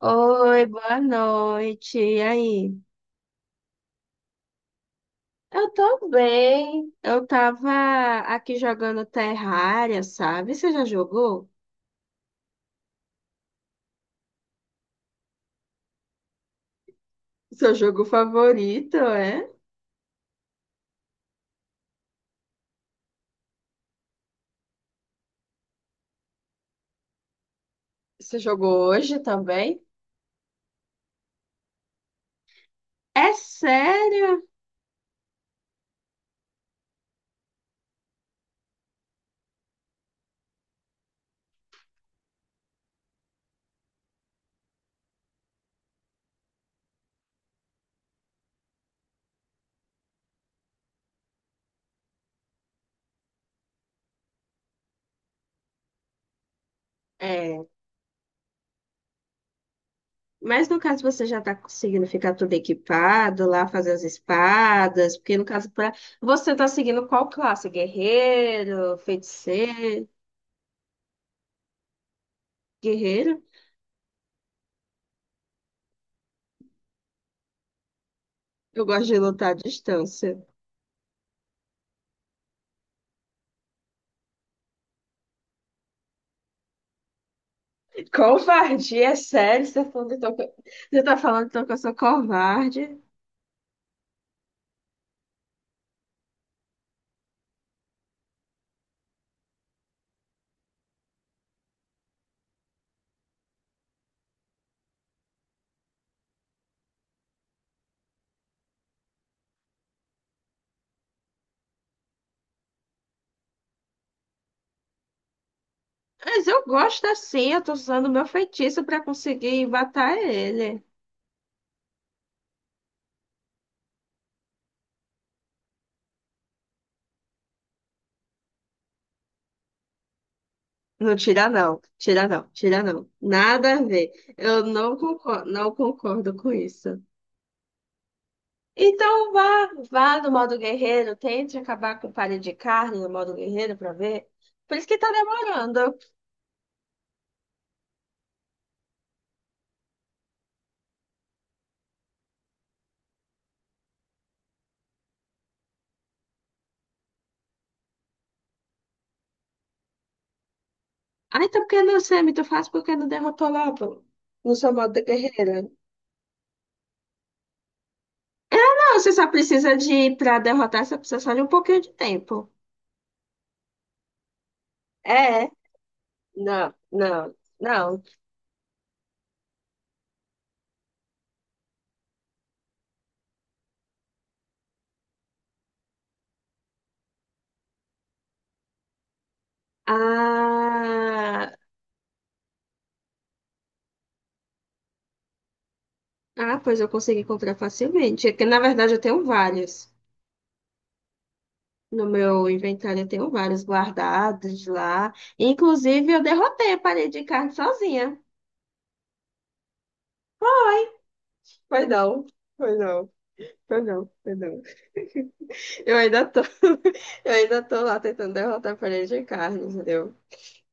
Oi, boa noite. E aí? Eu tô bem. Eu tava aqui jogando Terraria, sabe? Você já jogou? Seu jogo favorito, é? Você jogou hoje também? É sério? É. Mas no caso você já tá conseguindo ficar tudo equipado lá, fazer as espadas, porque no caso pra... você tá seguindo qual classe? Guerreiro, feiticeiro, guerreiro? Eu gosto de lutar à distância. Covardia, é sério, você tá falando então que eu sou covarde. Mas eu gosto assim, eu tô usando o meu feitiço pra conseguir matar ele. Não tira não, tira não, tira não. Nada a ver. Eu não concordo, não concordo com isso. Então vá, vá no modo guerreiro, tente acabar com o palha de carne no modo guerreiro pra ver. Por isso que tá demorando. Ah, então por que não, Sam? Tu faz porque não derrotou logo no seu modo guerreiro? Você só precisa de, para derrotar, você precisa só de um pouquinho de tempo. É, não, não, não. Ah, ah, pois eu consegui comprar facilmente. É que, na verdade, eu tenho vários. No meu inventário, eu tenho vários guardados lá. Inclusive, eu derrotei a parede de carne sozinha. Foi não, foi não, foi não, foi não. Eu ainda tô, eu ainda tô lá tentando derrotar a parede de carne, entendeu?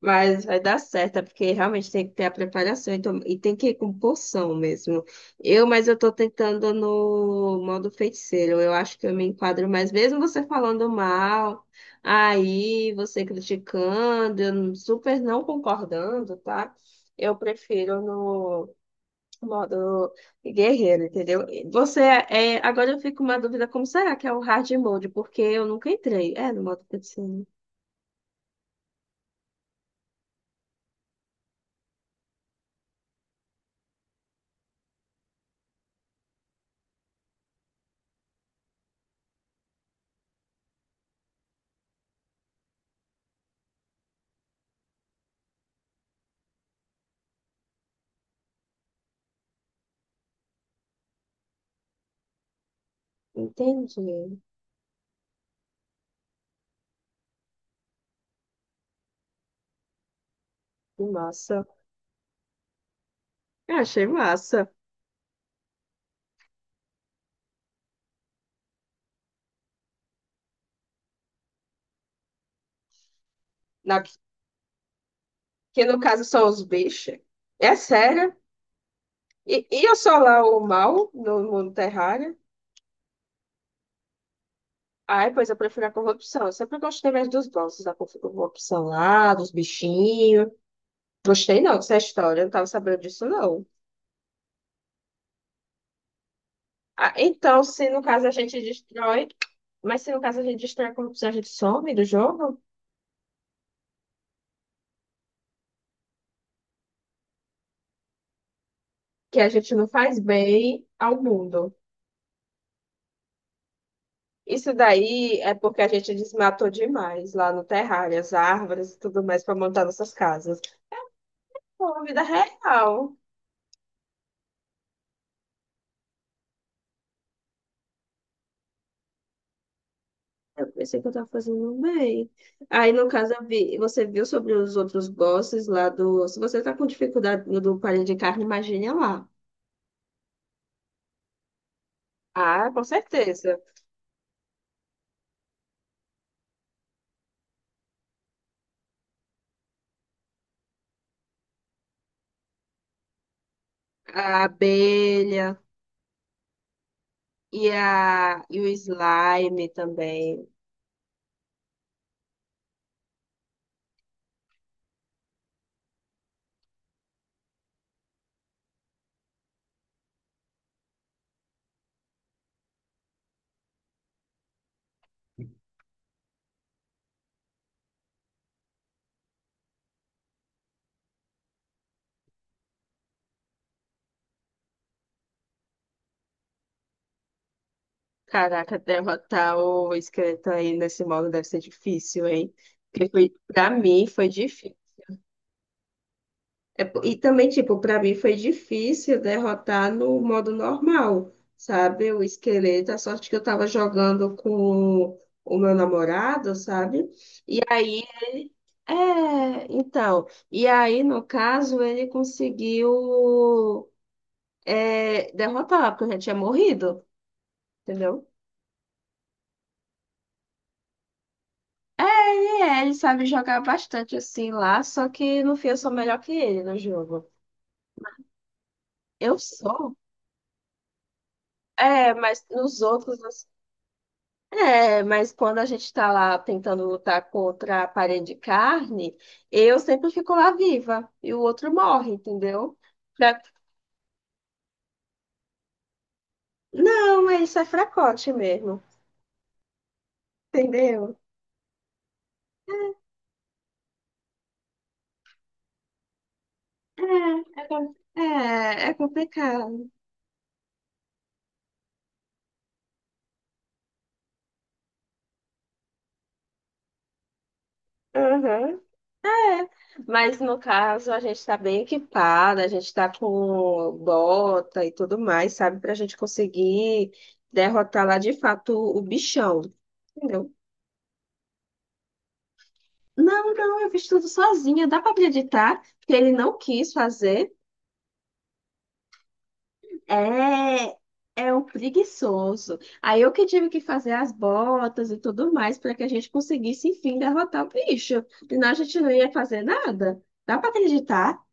Mas vai dar certo, é porque realmente tem que ter a preparação então, e tem que ir com porção mesmo. Mas eu tô tentando no modo feiticeiro, eu acho que eu me enquadro mais, mesmo você falando mal, aí você criticando, eu não- super não concordando, tá? Eu prefiro no modo guerreiro, entendeu? Você é, agora eu fico com uma dúvida, como será que é o hard mode? Porque eu nunca entrei. É, no modo feiticeiro. Entendi. Nossa. Eu achei massa. Na, que no caso são os bichos. É sério. E eu sou lá o mal no mundo terrário. Ai, pois eu prefiro a corrupção. Eu sempre gostei mais dos bosses, da corrupção lá, dos bichinhos. Gostei não dessa história, eu não tava sabendo disso não. Ah, então, se no caso a gente destrói, mas se no caso a gente destrói a corrupção, a gente some do jogo, que a gente não faz bem ao mundo. Isso daí é porque a gente desmatou demais lá no terrário, as árvores e tudo mais para montar nossas casas. Pô, a vida real. Eu pensei que eu estava fazendo bem. Aí, no caso, você viu sobre os outros bosses lá do. Se você está com dificuldade no do palha de carne, imagine lá. Ah, com certeza. A abelha e, a... e o slime também. Caraca, derrotar o esqueleto aí nesse modo deve ser difícil, hein? Porque foi, pra mim foi difícil. É, e também, tipo, para mim foi difícil derrotar no modo normal, sabe? O esqueleto, a sorte que eu tava jogando com o meu namorado, sabe? E aí ele. É, então. E aí, no caso, ele conseguiu é, derrotar, porque eu já tinha morrido, entendeu? É, ele sabe jogar bastante assim lá, só que no fim eu sou melhor que ele no jogo. Eu sou. É, mas nos outros. É, mas quando a gente está lá tentando lutar contra a parede de carne, eu sempre fico lá viva e o outro morre, entendeu? Fra- Não, é isso é fracote mesmo, entendeu? É, é, com- é, é, complicado. Uhum. Mas no caso, a gente está bem equipada, a gente está com bota e tudo mais, sabe? Para a gente conseguir derrotar lá de fato o bichão, entendeu? Não, não, eu fiz tudo sozinha. Dá para acreditar que ele não quis fazer. É, é um preguiçoso. Aí eu que tive que fazer as botas e tudo mais para que a gente conseguisse, enfim, derrotar o bicho. Senão a gente não ia fazer nada. Dá para acreditar.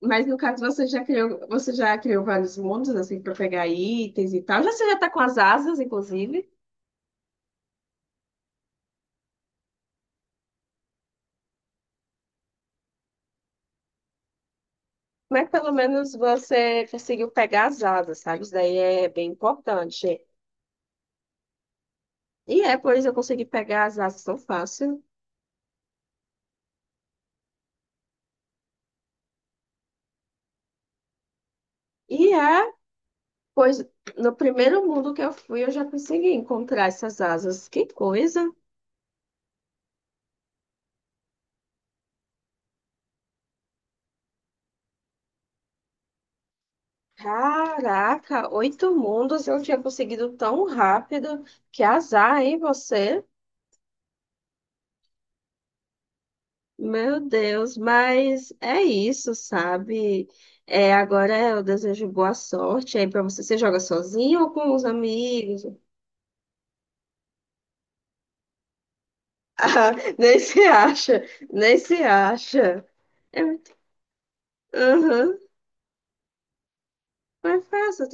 Mas no caso você já criou vários mundos assim para pegar itens e tal. Já você já tá com as asas, inclusive. Mas pelo menos você conseguiu pegar as asas, sabe? Isso daí é bem importante. E é, pois eu consegui pegar as asas tão fácil. E é, pois no primeiro mundo que eu fui, eu já consegui encontrar essas asas. Que coisa! Caraca, 8 mundos eu tinha conseguido tão rápido. Que azar, hein, você? Meu Deus, mas é isso, sabe? É, agora eu desejo boa sorte aí pra você. Você joga sozinho ou com os amigos? Ah, nem se acha, nem se acha. É muito... Uhum. Mas faça,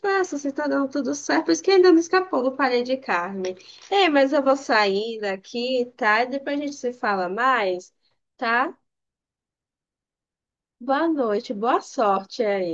faço, você tá dando tudo certo, por isso que ainda não escapou do palha de carne. Ei, mas eu vou sair daqui, tá? E depois a gente se fala mais, tá? Boa noite, boa sorte aí.